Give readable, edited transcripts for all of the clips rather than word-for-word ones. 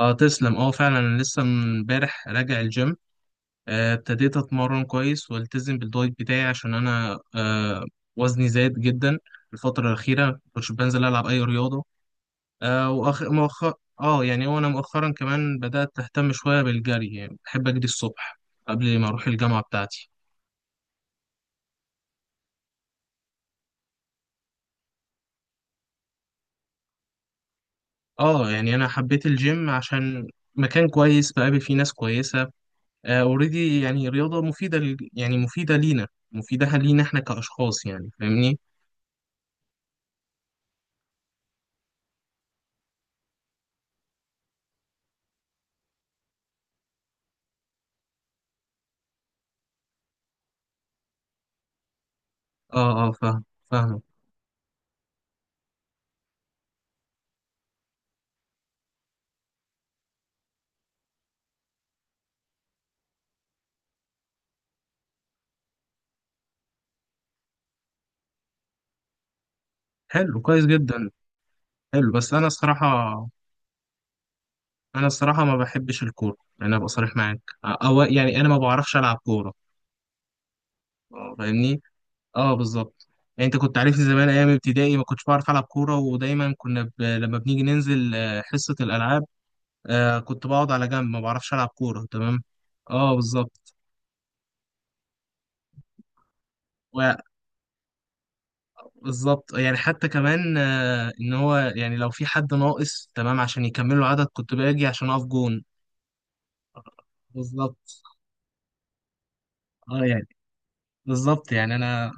اه، تسلم. اه، فعلا، انا لسه من امبارح راجع الجيم. ابتديت اتمرن كويس والتزم بالدايت بتاعي عشان انا وزني زاد جدا. الفتره الاخيره مكنتش بنزل العب اي رياضه. آه، واخر مؤخر اه يعني وانا مؤخرا كمان بدات اهتم شويه بالجري، يعني بحب اجري الصبح قبل ما اروح الجامعه بتاعتي. اه، يعني انا حبيت الجيم عشان مكان كويس بقابل فيه ناس كويسه، اوريدي، يعني رياضه مفيده يعني مفيده لينا مفيدة لينا احنا كأشخاص، يعني فاهمني. اه، اه، فاهم، فاهم. حلو، كويس جدا. حلو، بس انا الصراحه، ما بحبش الكوره، يعني ابقى صريح معاك، او يعني انا ما بعرفش العب كوره. فاهمني. اه، بالظبط. يعني انت كنت عارفني زمان ايام ابتدائي ما كنتش بعرف العب كوره، ودايما كنا لما بنيجي ننزل حصه الالعاب. كنت بقعد على جنب ما بعرفش العب كوره. تمام، اه، بالظبط. و- بالظبط. يعني حتى كمان ان هو يعني لو في حد ناقص تمام عشان يكملوا عدد، كنت باجي عشان اقف جون. بالظبط. اه، يعني بالظبط، يعني انا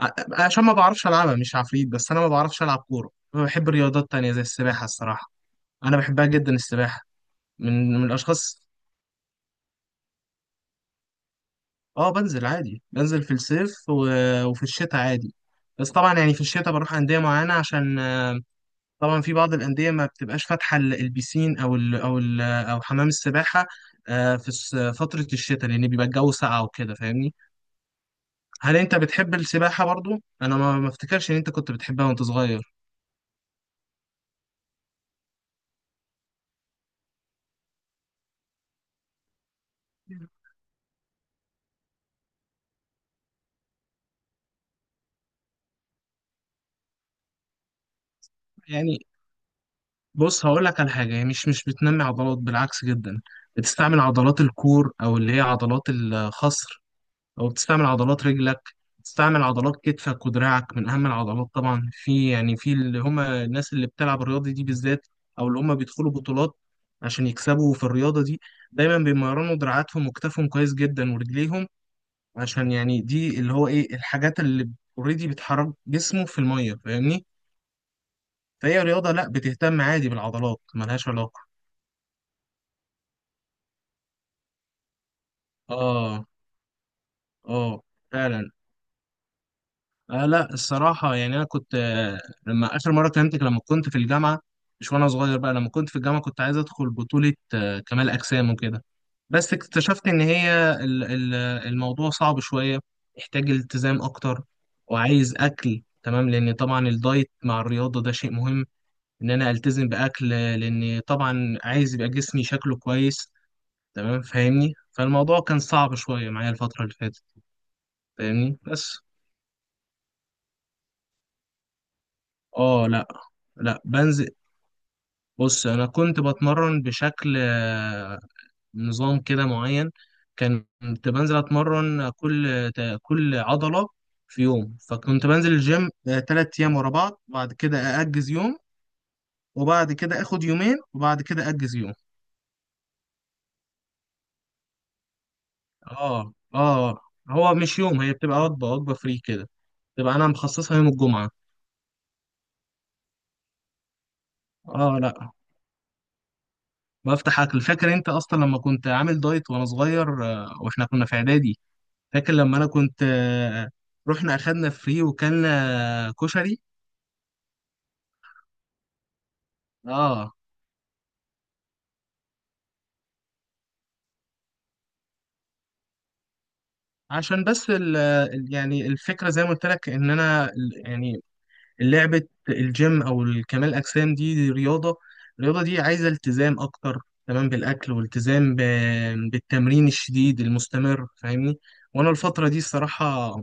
عشان ما بعرفش العبها، مش عفريت، بس انا ما بعرفش العب كوره. أنا بحب رياضات تانية زي السباحه، الصراحه انا بحبها جدا السباحه. من من الاشخاص. اه، بنزل عادي، بنزل في الصيف وفي الشتاء عادي. بس طبعا يعني في الشتاء بروح انديه معينه، عشان طبعا في بعض الانديه ما بتبقاش فاتحه البيسين او حمام السباحه في فتره الشتاء، لان بيبقى الجو ساقع وكده، فاهمني. هل انت بتحب السباحه برضو؟ انا ما افتكرش ان انت كنت بتحبها وانت صغير. يعني بص، هقول لك على حاجة. هي مش بتنمي عضلات، بالعكس جدا. بتستعمل عضلات الكور، أو اللي هي عضلات الخصر، أو بتستعمل عضلات رجلك، بتستعمل عضلات كتفك ودراعك، من أهم العضلات طبعا في اللي هم الناس اللي بتلعب الرياضة دي بالذات، أو اللي هم بيدخلوا بطولات عشان يكسبوا في الرياضة دي، دايما بيمرنوا دراعاتهم وكتافهم كويس جدا ورجليهم، عشان يعني دي اللي هو إيه، الحاجات اللي اوريدي بتحرك جسمه في المية، فاهمني؟ فهي رياضة لأ، بتهتم عادي بالعضلات، ملهاش علاقة. اه، اه، فعلا. آه، لا، الصراحة يعني أنا كنت لما آخر مرة كلمتك لما كنت في الجامعة، مش وأنا صغير بقى، لما كنت في الجامعة كنت عايز أدخل بطولة كمال أجسام وكده. بس اكتشفت إن هي الموضوع صعب شوية، يحتاج التزام أكتر، وعايز أكل تمام لأن طبعا الدايت مع الرياضة ده شيء مهم، إن أنا ألتزم بأكل لأن طبعا عايز يبقى جسمي شكله كويس. تمام فاهمني، فالموضوع كان صعب شوية معايا الفترة اللي فاتت، فاهمني. بس اه، لا، لا، بنزل. بص انا كنت بتمرن بشكل نظام كده معين. كنت بنزل اتمرن كل كل عضلة في يوم، فكنت بنزل الجيم 3 ايام ورا بعض، بعد كده ااجز يوم، وبعد كده اخد يومين، وبعد كده اجز يوم. اه، اه. هو مش يوم، هي بتبقى وجبة فري كده، تبقى انا مخصصها يوم الجمعة. اه، لا، بفتح اكل. فاكر انت اصلا لما كنت عامل دايت وانا صغير واحنا كنا في اعدادي، فاكر لما انا كنت رحنا اخدنا فري وكلنا كشري. اه. عشان بس يعني الفكره زي ما قلت لك ان انا يعني لعبه الجيم او الكمال الاجسام دي رياضه. الرياضه دي عايزه التزام اكتر، تمام بالاكل والتزام بالتمرين الشديد المستمر، فاهمني. وانا الفتره دي الصراحه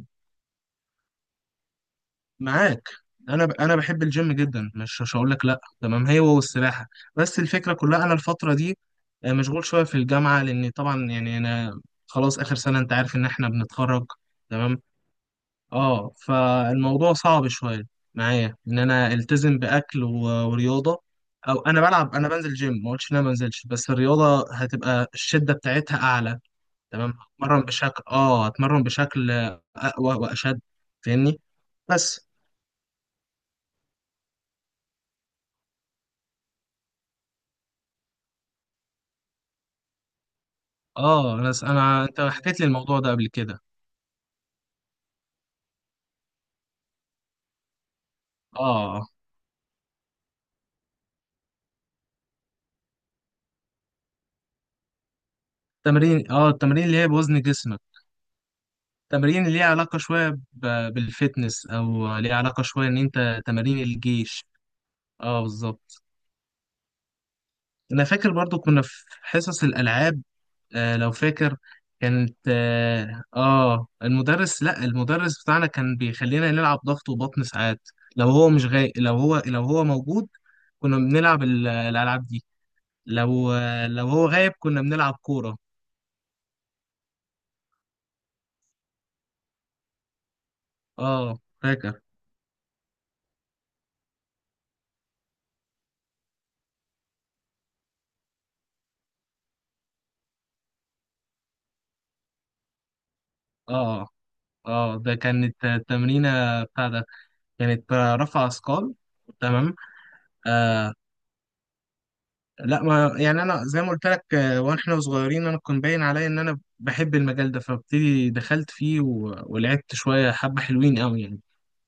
معاك، انا بحب الجيم جدا، مش هقول لك لا، تمام، هي والسباحه. بس الفكره كلها انا الفتره دي مشغول شويه في الجامعه، لان طبعا يعني انا خلاص اخر سنه انت عارف ان احنا بنتخرج، تمام. اه، فالموضوع صعب شويه معايا ان انا التزم باكل ورياضه. او انا بلعب انا بنزل جيم، ما قلتش ان انا ما بنزلش، بس الرياضه هتبقى الشده بتاعتها اعلى، تمام، هتمرن بشكل اقوى واشد، فاهمني. بس اه انا انت حكيت لي الموضوع ده قبل كده. اه، تمرين اه التمرين اللي هي بوزن جسمك، تمارين اللي ليها علاقة شوية بالفتنس، او ليها علاقة شوية ان انت تمارين الجيش. اه، بالظبط. انا فاكر برضو كنا في حصص الالعاب، لو فاكر، كانت المدرس، لا المدرس بتاعنا كان بيخلينا نلعب ضغط وبطن ساعات، لو هو مش غاي، لو هو موجود كنا بنلعب الالعاب دي، لو هو غايب كنا بنلعب كورة. اه، فاكر. اه، اه، ده كانت التمرينة بتاع ده، كانت رفع اثقال، تمام. آه، لا، ما يعني انا زي ما قلت لك واحنا صغيرين، انا كنت باين عليا ان انا بحب المجال ده، فبتدي دخلت فيه ولعبت شوية حبة حلوين قوي، يعني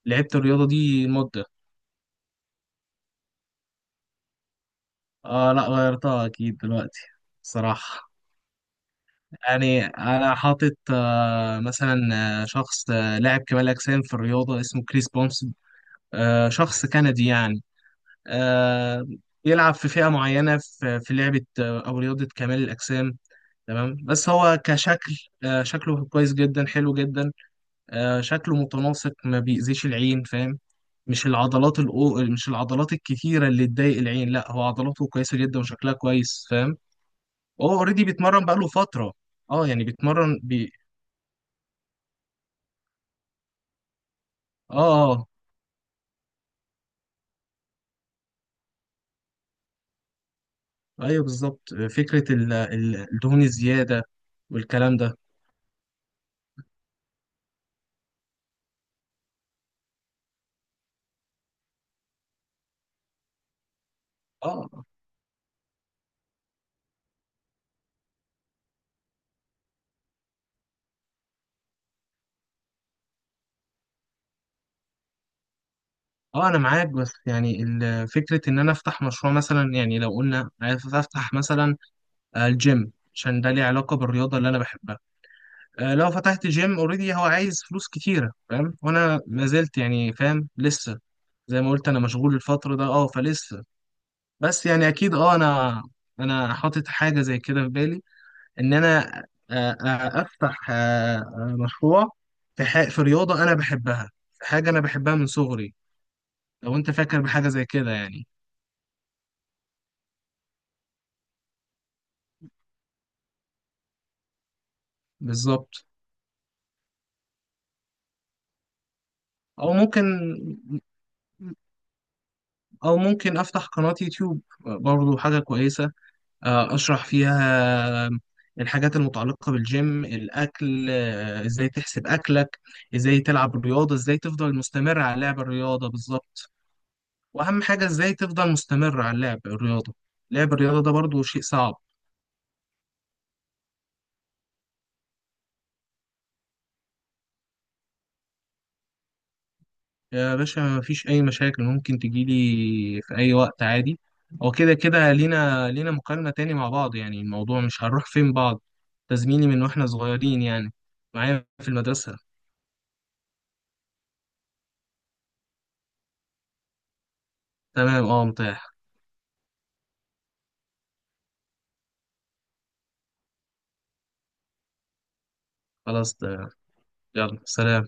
لعبت الرياضة دي مدة. اه، لا، غيرتها اكيد دلوقتي. صراحة يعني انا حاطط مثلا شخص لاعب كمال اجسام في الرياضة اسمه كريس بونسون، شخص كندي يعني. آه، يلعب في فئة معينة في لعبة أو رياضة كمال الأجسام، تمام. بس هو كشكل شكله كويس جدا، حلو جدا. شكله متناسق، ما بيأذيش العين، فاهم؟ مش العضلات الكتيرة اللي تضايق العين، لا هو عضلاته كويسة جدا وشكلها كويس، فاهم؟ هو اوريدي بيتمرن بقاله فترة، اه يعني بيتمرن اه، اه، ايوه، بالظبط. فكرة الدهون الزيادة والكلام ده. اه، آه. اه، انا معاك، بس يعني فكره ان انا افتح مشروع، مثلا يعني لو قلنا عايز افتح مثلا الجيم عشان ده ليه علاقه بالرياضه اللي انا بحبها. لو فتحت جيم اوريدي هو عايز فلوس كتيره، فاهم، وانا ما زلت يعني فاهم لسه، زي ما قلت انا مشغول الفتره ده. اه فلسه، بس يعني اكيد. انا حاطط حاجه زي كده في بالي، ان انا افتح مشروع في رياضه انا بحبها، في حاجه انا بحبها من صغري، لو انت فاكر بحاجه زي كده يعني. بالظبط. او ممكن، افتح قناة يوتيوب برضو حاجة كويسة، اشرح فيها الحاجات المتعلقة بالجيم، الاكل ازاي تحسب اكلك، ازاي تلعب الرياضة، ازاي تفضل مستمر على لعب الرياضة، بالظبط. واهم حاجة ازاي تفضل مستمر على لعب الرياضة، لعب الرياضة ده برضو شيء صعب. يا باشا مفيش أي مشاكل، ممكن تجيلي في أي وقت عادي. هو كده كده لينا مكالمة تاني مع بعض، يعني الموضوع مش هنروح فين بعض، تزميلي من واحنا صغيرين يعني، معايا في المدرسة. تمام، اه، متاح. خلاص، تمام. يلا، سلام.